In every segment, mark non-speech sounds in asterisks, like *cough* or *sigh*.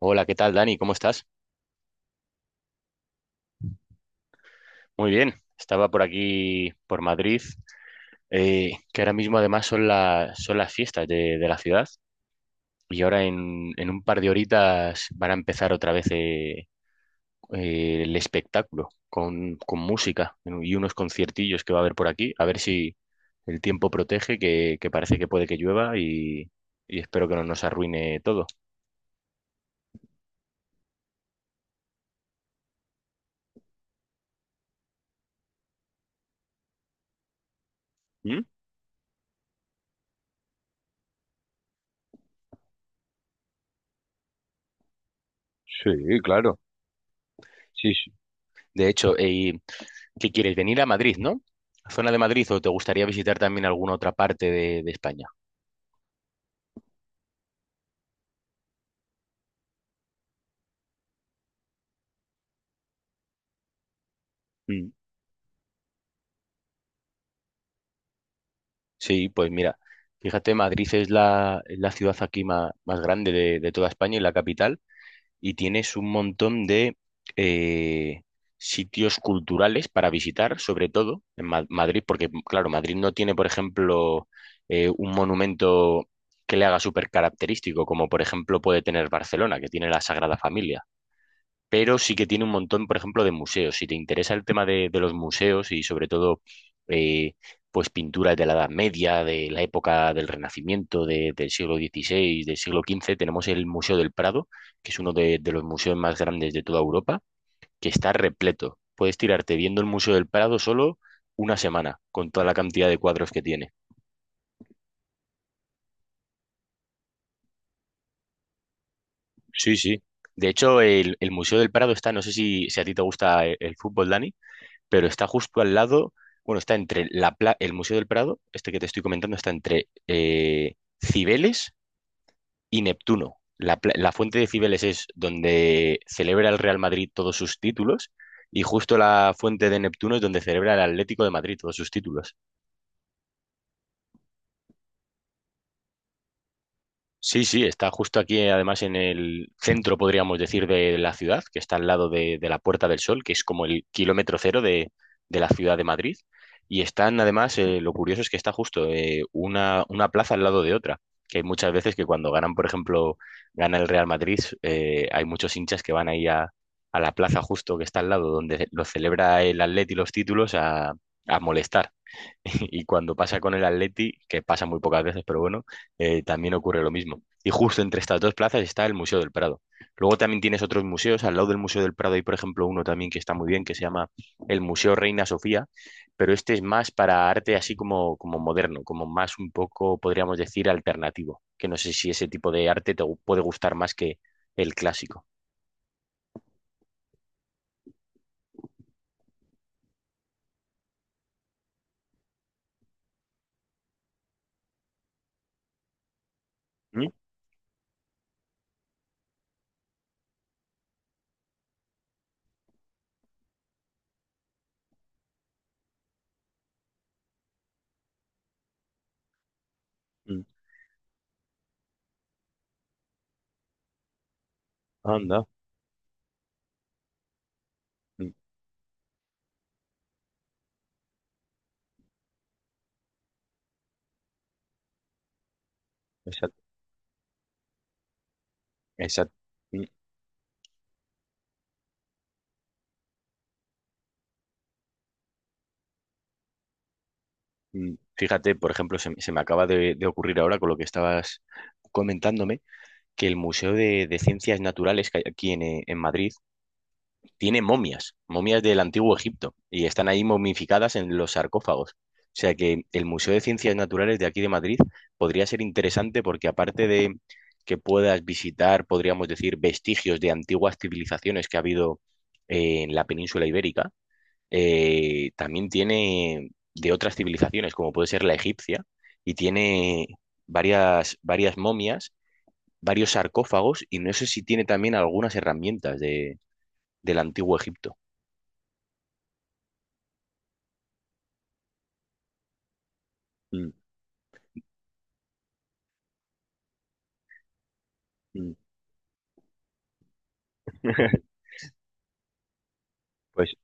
Hola, ¿qué tal, Dani? ¿Cómo estás? Muy bien. Estaba por aquí, por Madrid, que ahora mismo además son, son las fiestas de la ciudad y ahora en un par de horitas van a empezar otra vez el espectáculo con música, ¿no? Y unos conciertillos que va a haber por aquí. A ver si el tiempo protege, que parece que puede que llueva y espero que no nos arruine todo. ¿Mm? Sí, claro. Sí, sí. De hecho, ¿qué quieres? Venir a Madrid, ¿no? ¿Zona de Madrid o te gustaría visitar también alguna otra parte de España? Mm. Sí, pues mira, fíjate, Madrid es es la ciudad aquí más grande de toda España y la capital, y tienes un montón de eh, sitios culturales para visitar, sobre todo en Madrid, porque claro, Madrid no tiene, por ejemplo, un monumento que le haga súper característico, como por ejemplo puede tener Barcelona, que tiene la Sagrada Familia, pero sí que tiene un montón, por ejemplo, de museos. Si te interesa el tema de los museos y sobre todo, eh, pues pinturas de la Edad Media, de la época del Renacimiento, del siglo XVI, del siglo XV, tenemos el Museo del Prado, que es uno de los museos más grandes de toda Europa, que está repleto. Puedes tirarte viendo el Museo del Prado solo una semana, con toda la cantidad de cuadros que tiene. Sí, sí. De hecho, el Museo del Prado está, no sé si a ti te gusta el fútbol, Dani, pero está justo al lado, bueno, está entre el Museo del Prado, este que te estoy comentando, está entre Cibeles y Neptuno. La fuente de Cibeles es donde celebra el Real Madrid todos sus títulos y justo la fuente de Neptuno es donde celebra el Atlético de Madrid todos sus títulos. Sí, sí, está justo aquí, además en el centro, podríamos decir, de la ciudad, que está al lado de la Puerta del Sol, que es como el kilómetro cero de la ciudad de Madrid. Y están, además, lo curioso es que está justo una plaza al lado de otra, que hay muchas veces que cuando ganan, por ejemplo, gana el Real Madrid, hay muchos hinchas que van ahí a la plaza justo que está al lado, donde lo celebra el Atleti los títulos, a molestar. *laughs* Y cuando pasa con el Atleti, que pasa muy pocas veces, pero bueno, también ocurre lo mismo. Y justo entre estas dos plazas está el Museo del Prado. Luego también tienes otros museos. Al lado del Museo del Prado hay, por ejemplo, uno también que está muy bien, que se llama el Museo Reina Sofía, pero este es más para arte así como, como moderno, como más un poco, podríamos decir, alternativo. Que no sé si ese tipo de arte puede gustar más que el clásico. Anda, exacto. Exacto. Mm, fíjate, por ejemplo, se me acaba de ocurrir ahora con lo que estabas comentándome, que el Museo de Ciencias Naturales que hay aquí en Madrid tiene momias, momias del Antiguo Egipto, y están ahí momificadas en los sarcófagos. O sea que el Museo de Ciencias Naturales de aquí de Madrid podría ser interesante porque aparte de que puedas visitar, podríamos decir, vestigios de antiguas civilizaciones que ha habido en la península ibérica, también tiene de otras civilizaciones, como puede ser la egipcia, y tiene varias, varias momias, varios sarcófagos, y no sé si tiene también algunas herramientas del antiguo Egipto. Mm, mm. *laughs* Pues,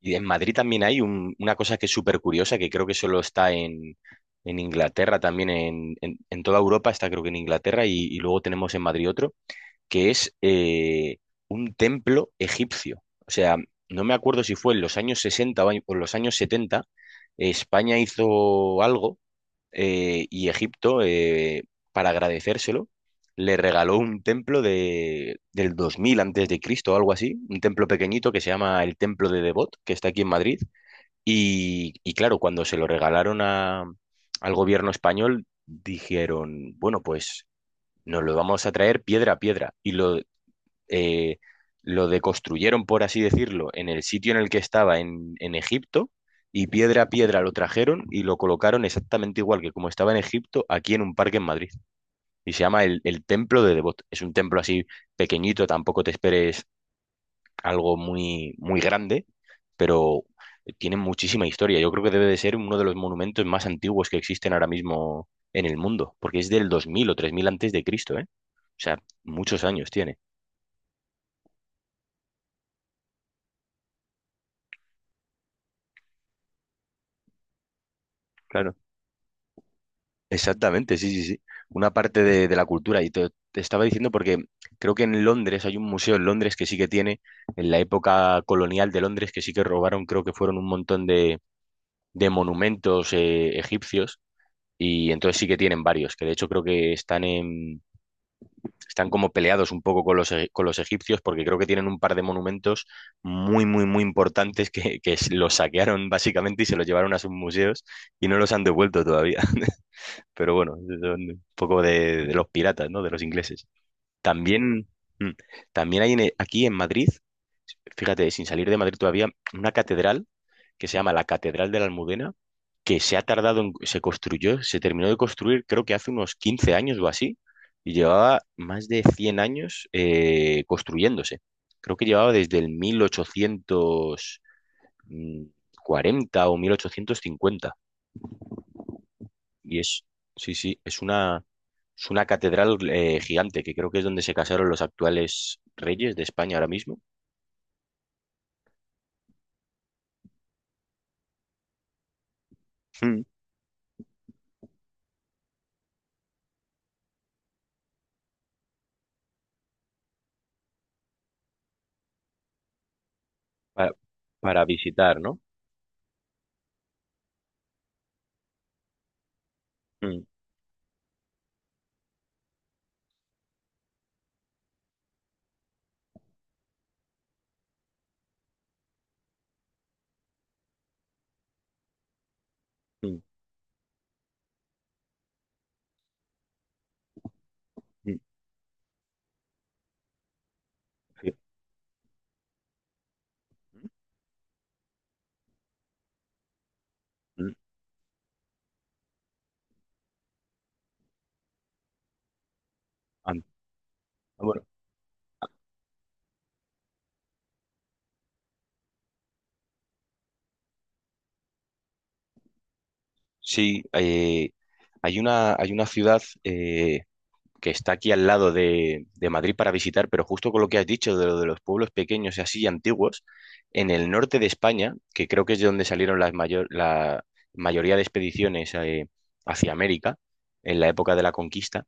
y en Madrid también hay una cosa que es súper curiosa, que creo que solo está en Inglaterra, también en, en toda Europa está creo que en Inglaterra, y luego tenemos en Madrid otro, que es un templo egipcio. O sea, no me acuerdo si fue en los años 60 o o en los años 70, España hizo algo y Egipto, para agradecérselo, le regaló un templo del 2000 antes de Cristo o algo así, un templo pequeñito que se llama el Templo de Devot, que está aquí en Madrid. Y claro, cuando se lo regalaron al gobierno español, dijeron, bueno, pues nos lo vamos a traer piedra a piedra. Y eh, lo deconstruyeron, por así decirlo, en el sitio en el que estaba en Egipto y piedra a piedra lo trajeron y lo colocaron exactamente igual que como estaba en Egipto, aquí en un parque en Madrid. Y se llama el Templo de Devot. Es un templo así pequeñito, tampoco te esperes algo muy, muy grande, pero tiene muchísima historia. Yo creo que debe de ser uno de los monumentos más antiguos que existen ahora mismo en el mundo, porque es del 2000 o 3000 antes de Cristo, ¿eh? O sea, muchos años tiene. Claro. Exactamente, sí, sí, sí. Una parte de la cultura. Y te estaba diciendo porque creo que en Londres hay un museo en Londres que sí que tiene, en la época colonial de Londres, que sí que robaron, creo que fueron un montón de monumentos egipcios. Y entonces sí que tienen varios, que de hecho creo que están en, están como peleados un poco con los, con los egipcios, porque creo que tienen un par de monumentos muy, muy, muy importantes que los saquearon básicamente y se los llevaron a sus museos y no los han devuelto todavía. Pero bueno, son un poco de los piratas, ¿no? De los ingleses. También, mm, también hay aquí en Madrid, fíjate, sin salir de Madrid todavía, una catedral que se llama la Catedral de la Almudena, que se ha tardado en, se construyó, se terminó de construir creo que hace unos 15 años o así, y llevaba más de 100 años construyéndose. Creo que llevaba desde el mil ochocientos mm, cuarenta o 1850 y es, sí, sí, es una catedral gigante, que creo que es donde se casaron los actuales reyes de España ahora mismo. Mm. para, para visitar, ¿no? Mm, mm, mm, sí. Mm, ah, bueno, sí, hay una ciudad que está aquí al lado de Madrid para visitar, pero justo con lo que has dicho de lo de los pueblos pequeños y así antiguos, en el norte de España, que creo que es de donde salieron las mayor, la mayoría de expediciones hacia América, en la época de la conquista,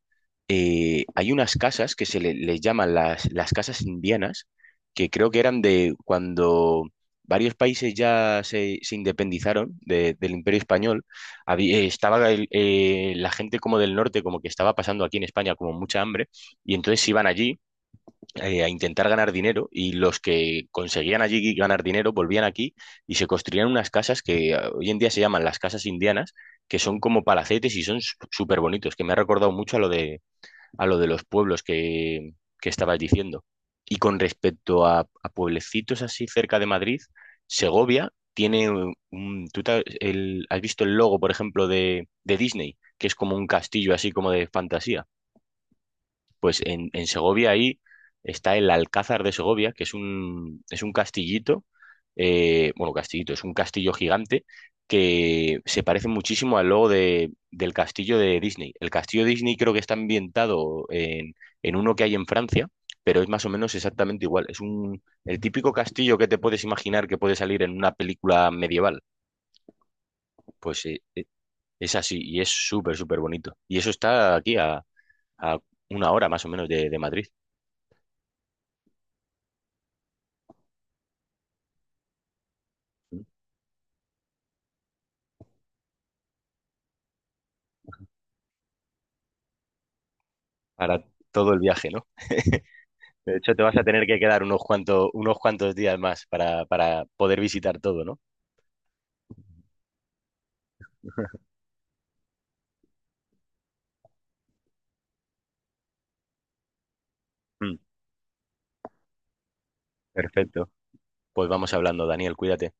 hay unas casas que les llaman las casas indianas, que creo que eran de cuando varios países ya se independizaron del Imperio Español, estaba la gente como del norte, como que estaba pasando aquí en España como mucha hambre, y entonces iban allí a intentar ganar dinero y los que conseguían allí ganar dinero volvían aquí y se construían unas casas que hoy en día se llaman las casas indianas, que son como palacetes y son súper bonitos, que me ha recordado mucho a lo de los pueblos que estabas diciendo. Y con respecto a pueblecitos así cerca de Madrid, Segovia tiene un... ¿tú has visto el logo, por ejemplo, de Disney? Que es como un castillo así como de fantasía. Pues en Segovia ahí está el Alcázar de Segovia, que es un castillito, bueno, castillito, es un castillo gigante que se parece muchísimo al logo del castillo de Disney. El castillo de Disney creo que está ambientado en uno que hay en Francia, pero es más o menos exactamente igual. Es un, el típico castillo que te puedes imaginar que puede salir en una película medieval. Pues es así y es súper, súper bonito. Y eso está aquí a una hora más o menos de Madrid. Para todo el viaje, ¿no? De hecho, te vas a tener que quedar unos cuantos días más para poder visitar todo, ¿no? Mm, perfecto. Pues vamos hablando, Daniel, cuídate.